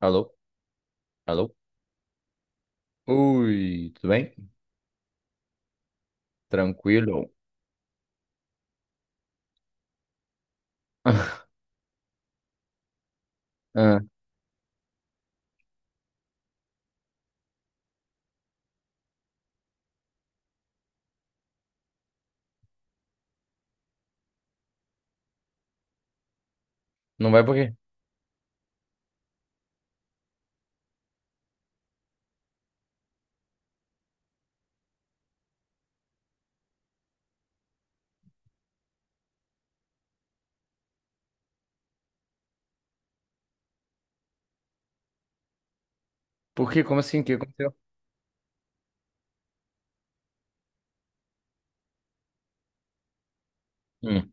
Alô? Alô? Ui, tudo bem? Tranquilo? Ah, não vai por quê? Por quê? Como assim? O que aconteceu? Hum,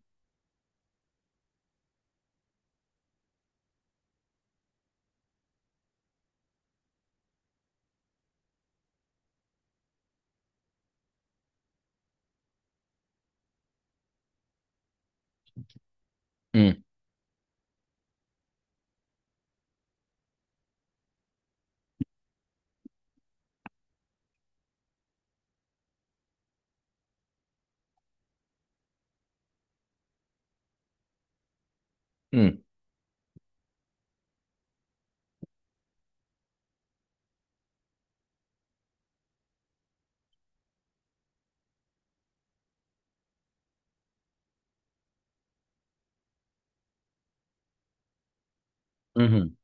hum, hum, uhum,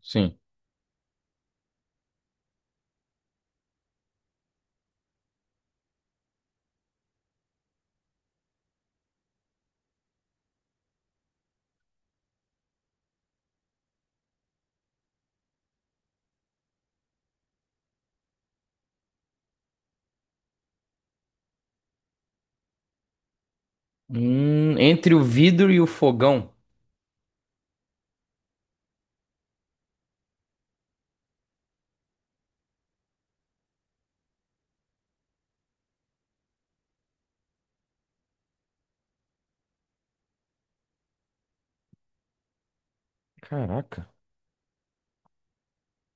sim. Entre o vidro e o fogão. Caraca.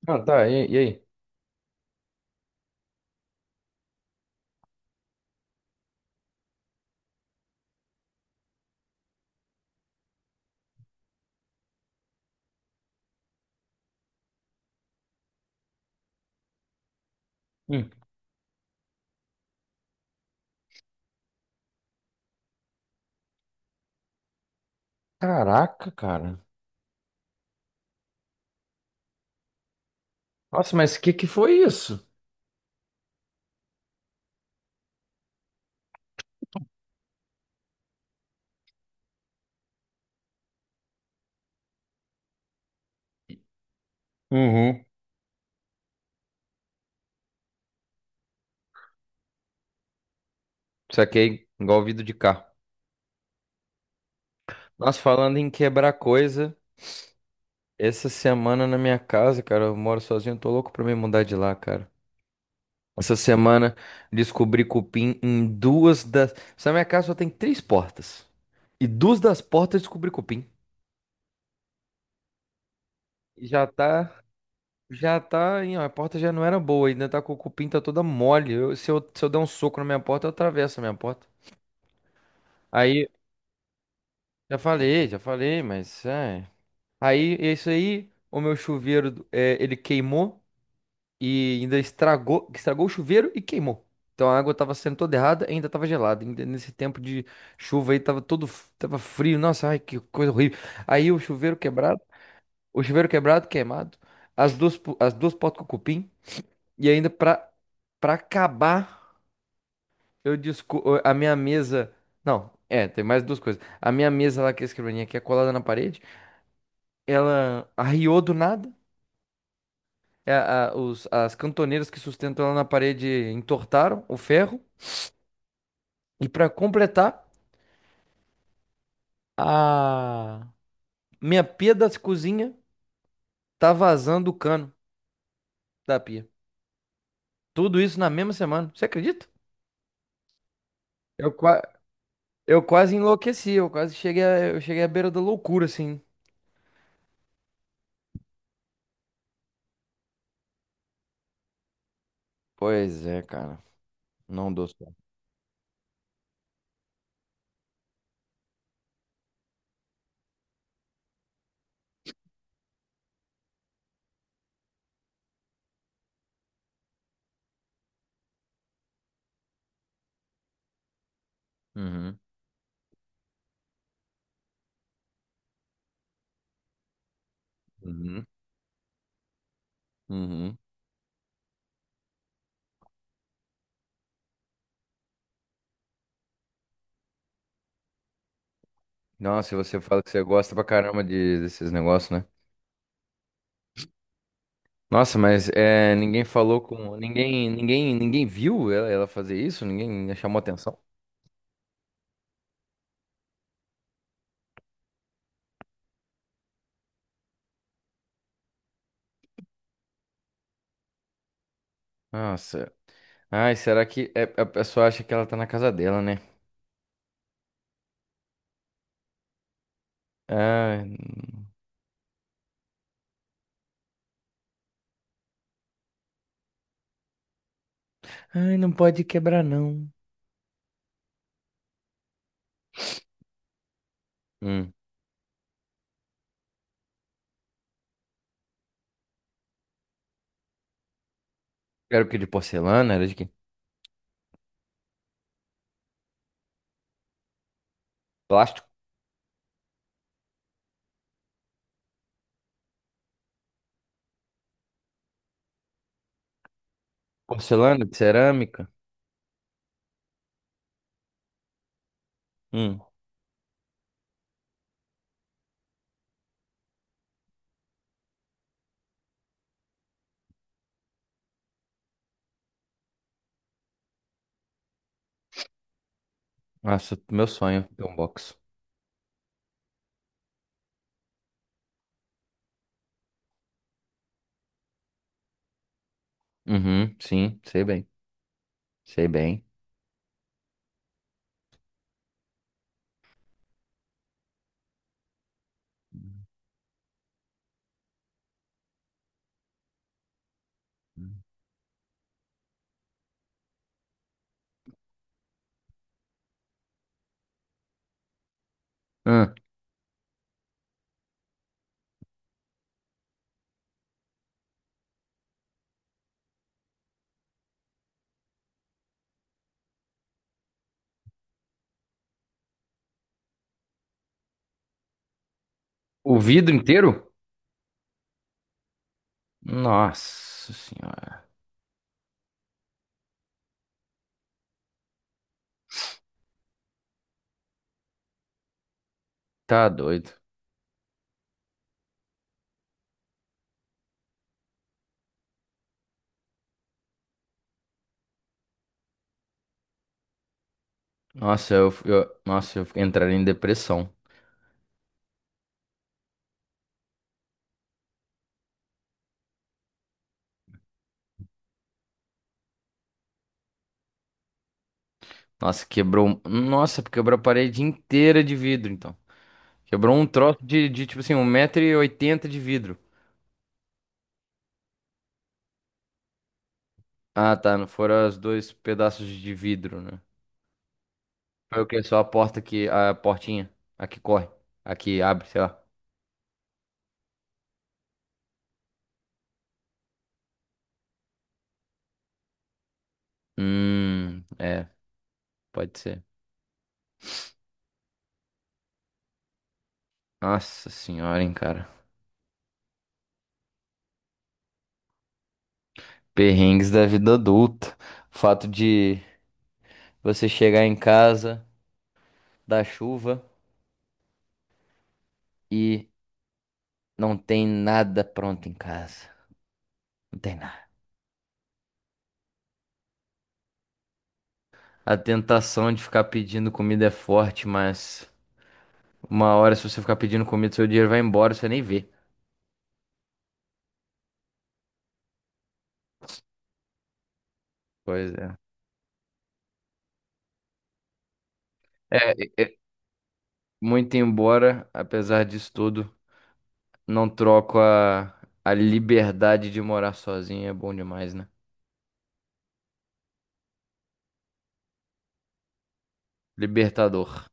Ah, tá. E aí? Hum. Caraca, cara. Nossa, mas o que que foi isso? Uhum. Saquei, igual vidro de carro. Nós falando em quebrar coisa, essa semana na minha casa, cara, eu moro sozinho, tô louco pra me mudar de lá, cara. Essa semana descobri cupim em duas das. Essa minha casa só tem três portas. E duas das portas descobri cupim. E já tá. Já tá, hein, ó, a porta já não era boa, ainda tá com o cupim, tá toda mole. Se eu der um soco na minha porta, eu atravesso a minha porta. Aí, já falei, mas. É. Aí, é isso aí, o meu chuveiro, é, ele queimou. E ainda estragou, o chuveiro e queimou. Então a água estava sendo toda errada, e ainda estava gelada. Ainda nesse tempo de chuva aí estava tava frio. Nossa, ai que coisa horrível. Aí o chuveiro quebrado, queimado, as duas potes com cupim e ainda pra para acabar, eu desco a minha mesa, não, é, tem mais duas coisas. A minha mesa lá que é a escrivaninha que é colada na parede, ela arriou do nada. É, as cantoneiras que sustentam ela na parede entortaram o ferro. E para completar, a minha pia da cozinha tá vazando o cano da pia. Tudo isso na mesma semana. Você acredita? Eu, qua- eu quase enlouqueci, eu quase cheguei a... eu cheguei à beira da loucura, assim. Pois é, cara. Não dou certo. Uhum. Uhum. Uhum. Nossa, e você fala que você gosta pra caramba desses negócios, né? Nossa, mas é, ninguém falou com. Ninguém viu ela fazer isso? Ninguém chamou atenção? Nossa, ai, será que é- a pessoa acha que ela tá na casa dela, né? Ai. Ai, não pode quebrar, não. Hum. Era o que de porcelana? Era de quê? Plástico? Porcelana? De cerâmica? Hum. Nossa, meu sonho ter um box. Uhum, sim, sei bem. Sei bem. Hum. Hum. O vidro inteiro? Nossa senhora. Tá doido. Nossa, nossa, eu entraria em depressão. Nossa, quebrou. Nossa, quebrou a parede inteira de vidro, então. Quebrou um troço de tipo assim, 1,80 m de vidro. Ah, tá. Não foram os dois pedaços de vidro, né? Foi o quê? Só a porta que. A portinha. A que corre. A que abre, sei lá. É, pode ser. Nossa senhora, hein, cara. Perrengues da vida adulta. O fato de você chegar em casa da chuva e não tem nada pronto em casa. Não tem nada. A tentação de ficar pedindo comida é forte, mas. Uma hora, se você ficar pedindo comida, seu dinheiro vai embora, você nem vê. Pois é. É, é, é, muito embora, apesar disso tudo, não troco a liberdade de morar sozinho, é bom demais, né? Libertador.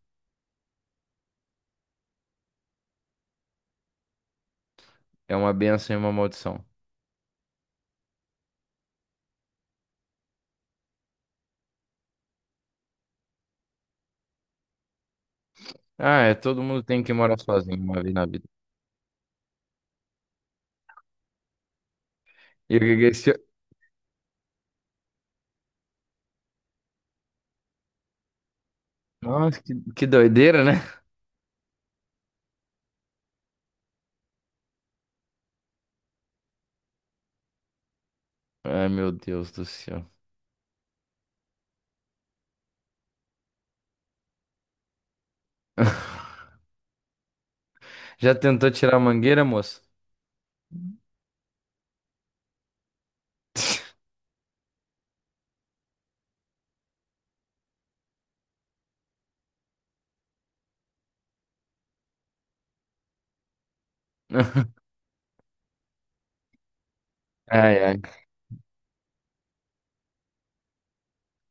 É uma benção e uma maldição. Ah, é, todo mundo tem que morar sozinho uma vez na vida. E o que que é esse... Nossa, que doideira, né? Ai, meu Deus do céu. Já tentou tirar a mangueira, moço? Ai, ai,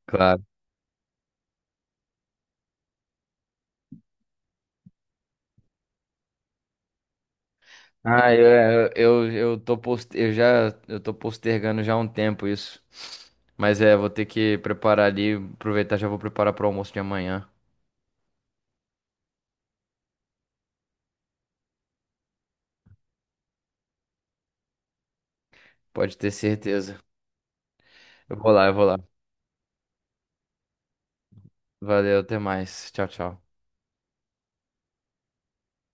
claro. Eu tô post... eu tô postergando já há um tempo isso. Mas é, vou ter que preparar ali, aproveitar, já vou preparar pro almoço de amanhã. Pode ter certeza. Eu vou lá. Valeu, até mais. Tchau, tchau.